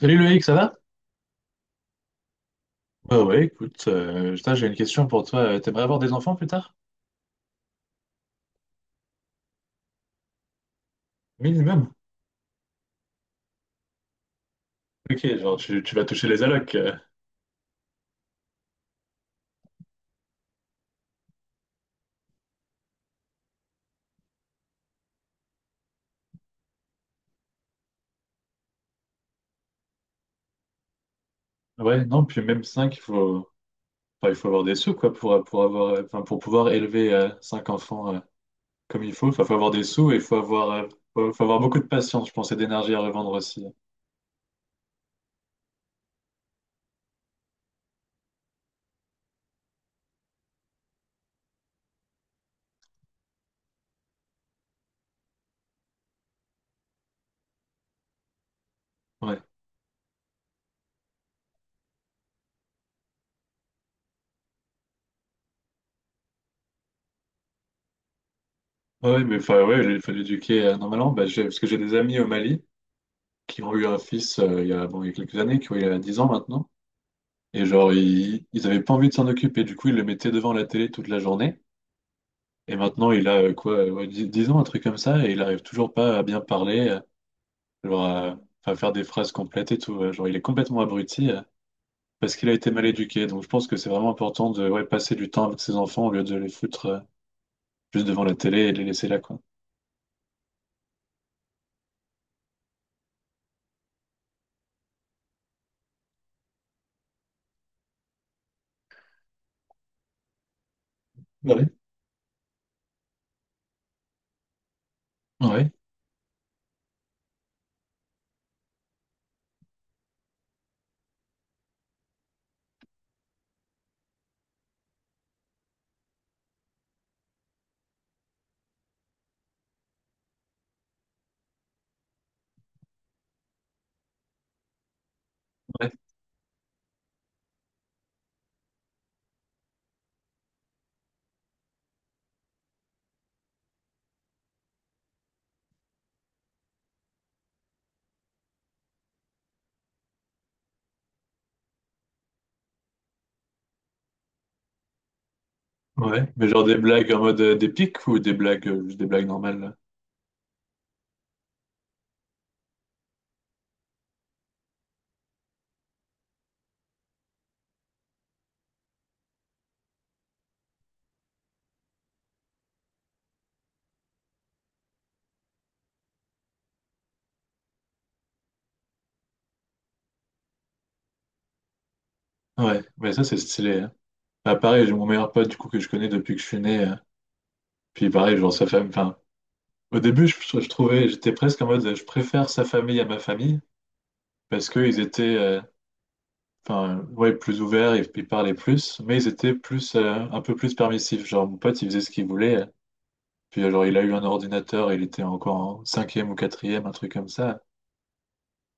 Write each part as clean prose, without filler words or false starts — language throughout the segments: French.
Salut Loïc, ça va? Ouais, ouais, écoute, putain, j'ai une question pour toi. T'aimerais avoir des enfants plus tard? Minimum. Ok, genre tu vas toucher les allocs. Ouais, non, puis même cinq, enfin, il faut avoir des sous, quoi, pour avoir, enfin, pour pouvoir élever 5 enfants comme il faut. Enfin, faut avoir des sous et il faut avoir, faut avoir beaucoup de patience, je pense, et d'énergie à revendre aussi. Ouais, ouais, mais enfin, ouais, il faut l'éduquer normalement. Bah, parce que j'ai des amis au Mali qui ont eu un fils il y a, bon, il y a quelques années, qui ont eu 10 ans maintenant. Et genre, ils avaient pas envie de s'en occuper. Du coup, ils le mettaient devant la télé toute la journée. Et maintenant, il a ouais, 10 ans, un truc comme ça, et il arrive toujours pas à bien parler, genre à faire des phrases complètes et tout. Genre, il est complètement abruti parce qu'il a été mal éduqué. Donc, je pense que c'est vraiment important de ouais, passer du temps avec ses enfants au lieu de les foutre juste devant la télé et les laisser là, quoi. Ouais. Ouais, ouais, ouais. Mais genre des blagues en mode des pics ou des blagues, juste des blagues normales là. Ouais, mais ça, c'est stylé, hein. Bah, pareil, j'ai mon meilleur pote, du coup, que je connais depuis que je suis né. Puis pareil, genre sa famille. Enfin, au début, je trouvais, j'étais presque en mode, je préfère sa famille à ma famille parce qu'ils étaient, enfin, ouais, plus ouverts, ils parlaient plus, mais ils étaient plus, un peu plus permissifs. Genre mon pote, il faisait ce qu'il voulait. Puis genre, il a eu un ordinateur, il était encore en cinquième ou quatrième, un truc comme ça.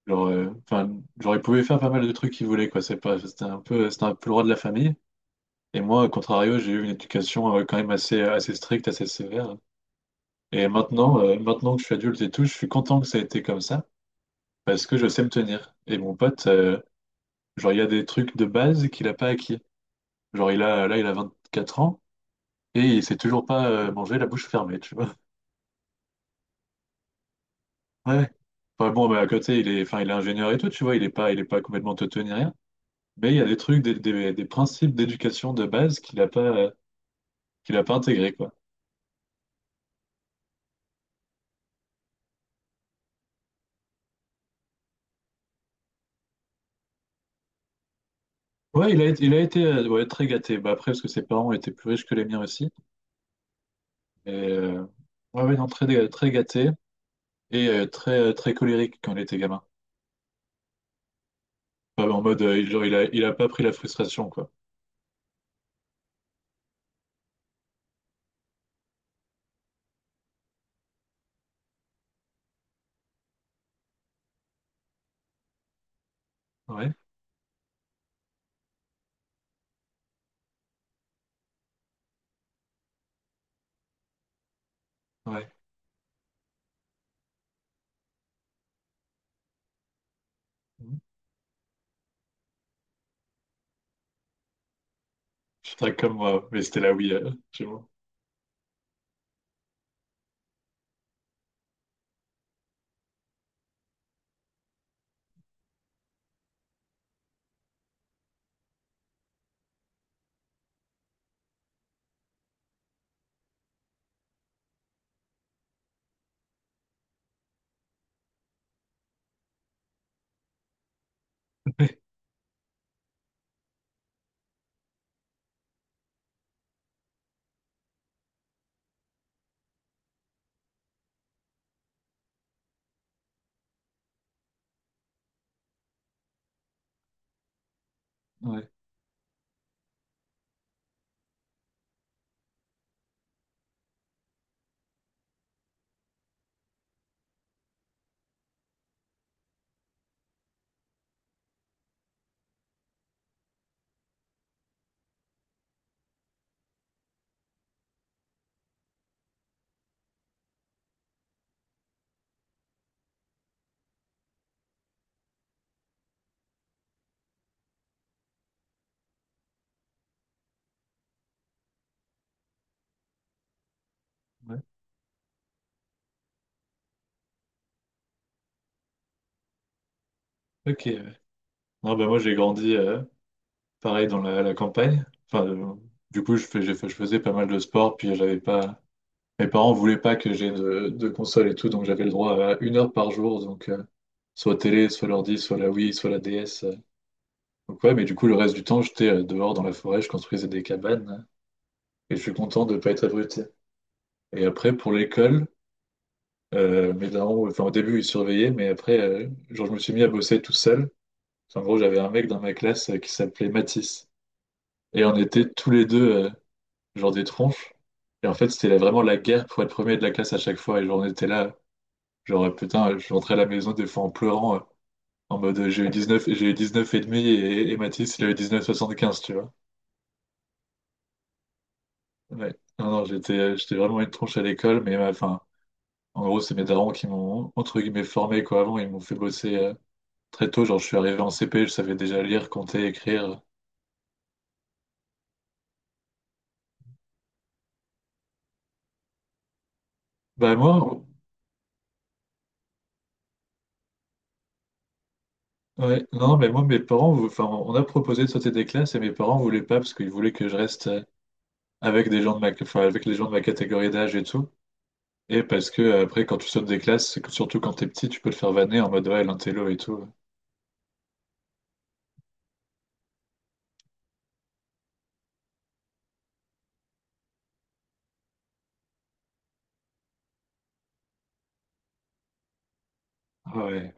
Genre, euh, enfin, genre, il pouvait faire pas mal de trucs qu'il voulait, quoi. C'est pas, c'était un peu le roi de la famille. Et moi, au contrario, j'ai eu une éducation quand même assez stricte, assez sévère. Et maintenant, maintenant que je suis adulte et tout, je suis content que ça ait été comme ça, parce que je sais me tenir. Et mon pote, genre, il y a des trucs de base qu'il a pas acquis. Genre, là, il a 24 ans et il sait toujours pas manger la bouche fermée, tu vois. Ouais. Enfin, bon, mais à côté, enfin, il est ingénieur et tout, tu vois, il est pas complètement teuté ni rien. Mais il y a des trucs, des principes d'éducation de base qu'il a pas intégré, quoi. Ouais, il a été ouais, très gâté. Bah, après, parce que ses parents étaient plus riches que les miens aussi. Et, ouais, ouais, non, très, très gâté. Et très, très colérique quand il était gamin. Enfin, en mode, genre, il a pas pris la frustration, quoi. Ouais, ouais. Mhm. Je serais comme moi, mais c'était la Wii, chez moi. Ouais, ouais. Ok, ouais. Non, bah, moi, j'ai grandi, pareil, dans la campagne. Enfin, du coup, je faisais pas mal de sport, puis j'avais pas... Mes parents voulaient pas que j'ai de console et tout, donc j'avais le droit à 1 heure par jour, donc... Soit télé, soit l'ordi, soit la Wii, soit la DS. Donc ouais, mais du coup, le reste du temps, j'étais dehors dans la forêt, je construisais des cabanes, et je suis content de pas être abruti. Et après, pour l'école, mes darons, enfin, au début, ils surveillaient, mais après, genre, je me suis mis à bosser tout seul. Enfin, en gros, j'avais un mec dans ma classe qui s'appelait Mathis. Et on était tous les deux, genre, des tronches. Et en fait, vraiment la guerre pour être premier de la classe à chaque fois. Et genre, on était là, putain, je rentrais à la maison des fois en pleurant, en mode, j'ai eu 19 et demi et Mathis, il a eu 19,75, tu vois. Ouais. Non, non, j'étais, j'étais vraiment une tronche à l'école, mais enfin, en gros, c'est mes darons qui m'ont, entre guillemets, formé, quoi. Avant, ils m'ont fait bosser. Très tôt, genre, je suis arrivé en CP, je savais déjà lire, compter, écrire. Bah, moi, ouais, non, mais moi, enfin, on a proposé de sauter des classes et mes parents voulaient pas parce qu'ils voulaient que je reste avec des gens de enfin, avec les gens de ma catégorie d'âge et tout. Et parce que, après, quand tu sautes des classes, surtout quand t'es petit, tu peux te faire vanner en mode, ouais, l'intello et tout. Ah ouais.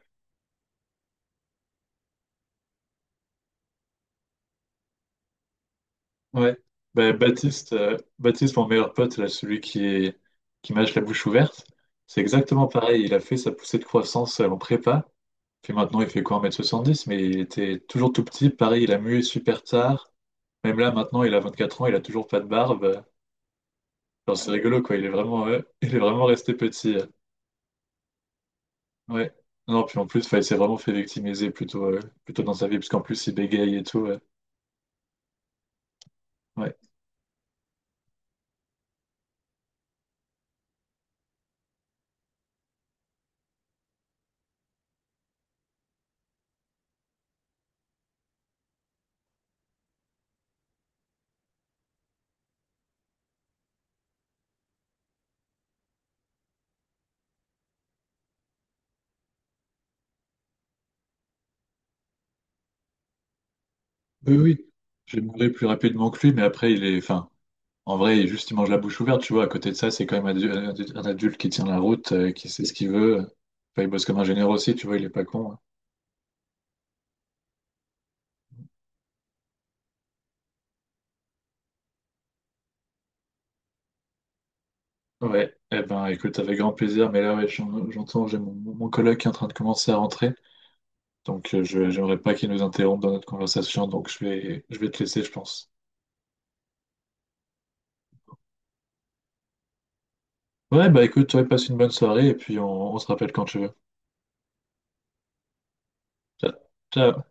Ouais. Bah, Baptiste, mon meilleur pote, là, qui mâche la bouche ouverte, c'est exactement pareil. Il a fait sa poussée de croissance en prépa. Puis maintenant, il fait quoi, 1,70 m. Mais il était toujours tout petit. Pareil, il a mué super tard. Même là, maintenant, il a 24 ans, il a toujours pas de barbe. Genre, c'est rigolo, quoi. Il est vraiment, il est vraiment resté petit. Ouais. Non, puis en plus, 'fin, il s'est vraiment fait victimiser plutôt dans sa vie, parce qu'en plus, il bégaye et tout. Ouais. Oui, oui. J'ai mouru plus rapidement que lui, mais après, il est. Enfin, en vrai, il mange la bouche ouverte, tu vois. À côté de ça, c'est quand même un adulte qui tient la route, qui sait ce qu'il veut. Enfin, il bosse comme ingénieur aussi, tu vois, il est pas con, hein. Ouais, eh ben écoute, avec grand plaisir, mais là ouais, j'entends, j'ai mon coloc qui est en train de commencer à rentrer, donc je j'aimerais pas qu'il nous interrompe dans notre conversation, donc je vais te laisser, je pense. Ouais, bah écoute, ouais, passe une bonne soirée et puis on se rappelle quand tu veux. Ciao. Ciao.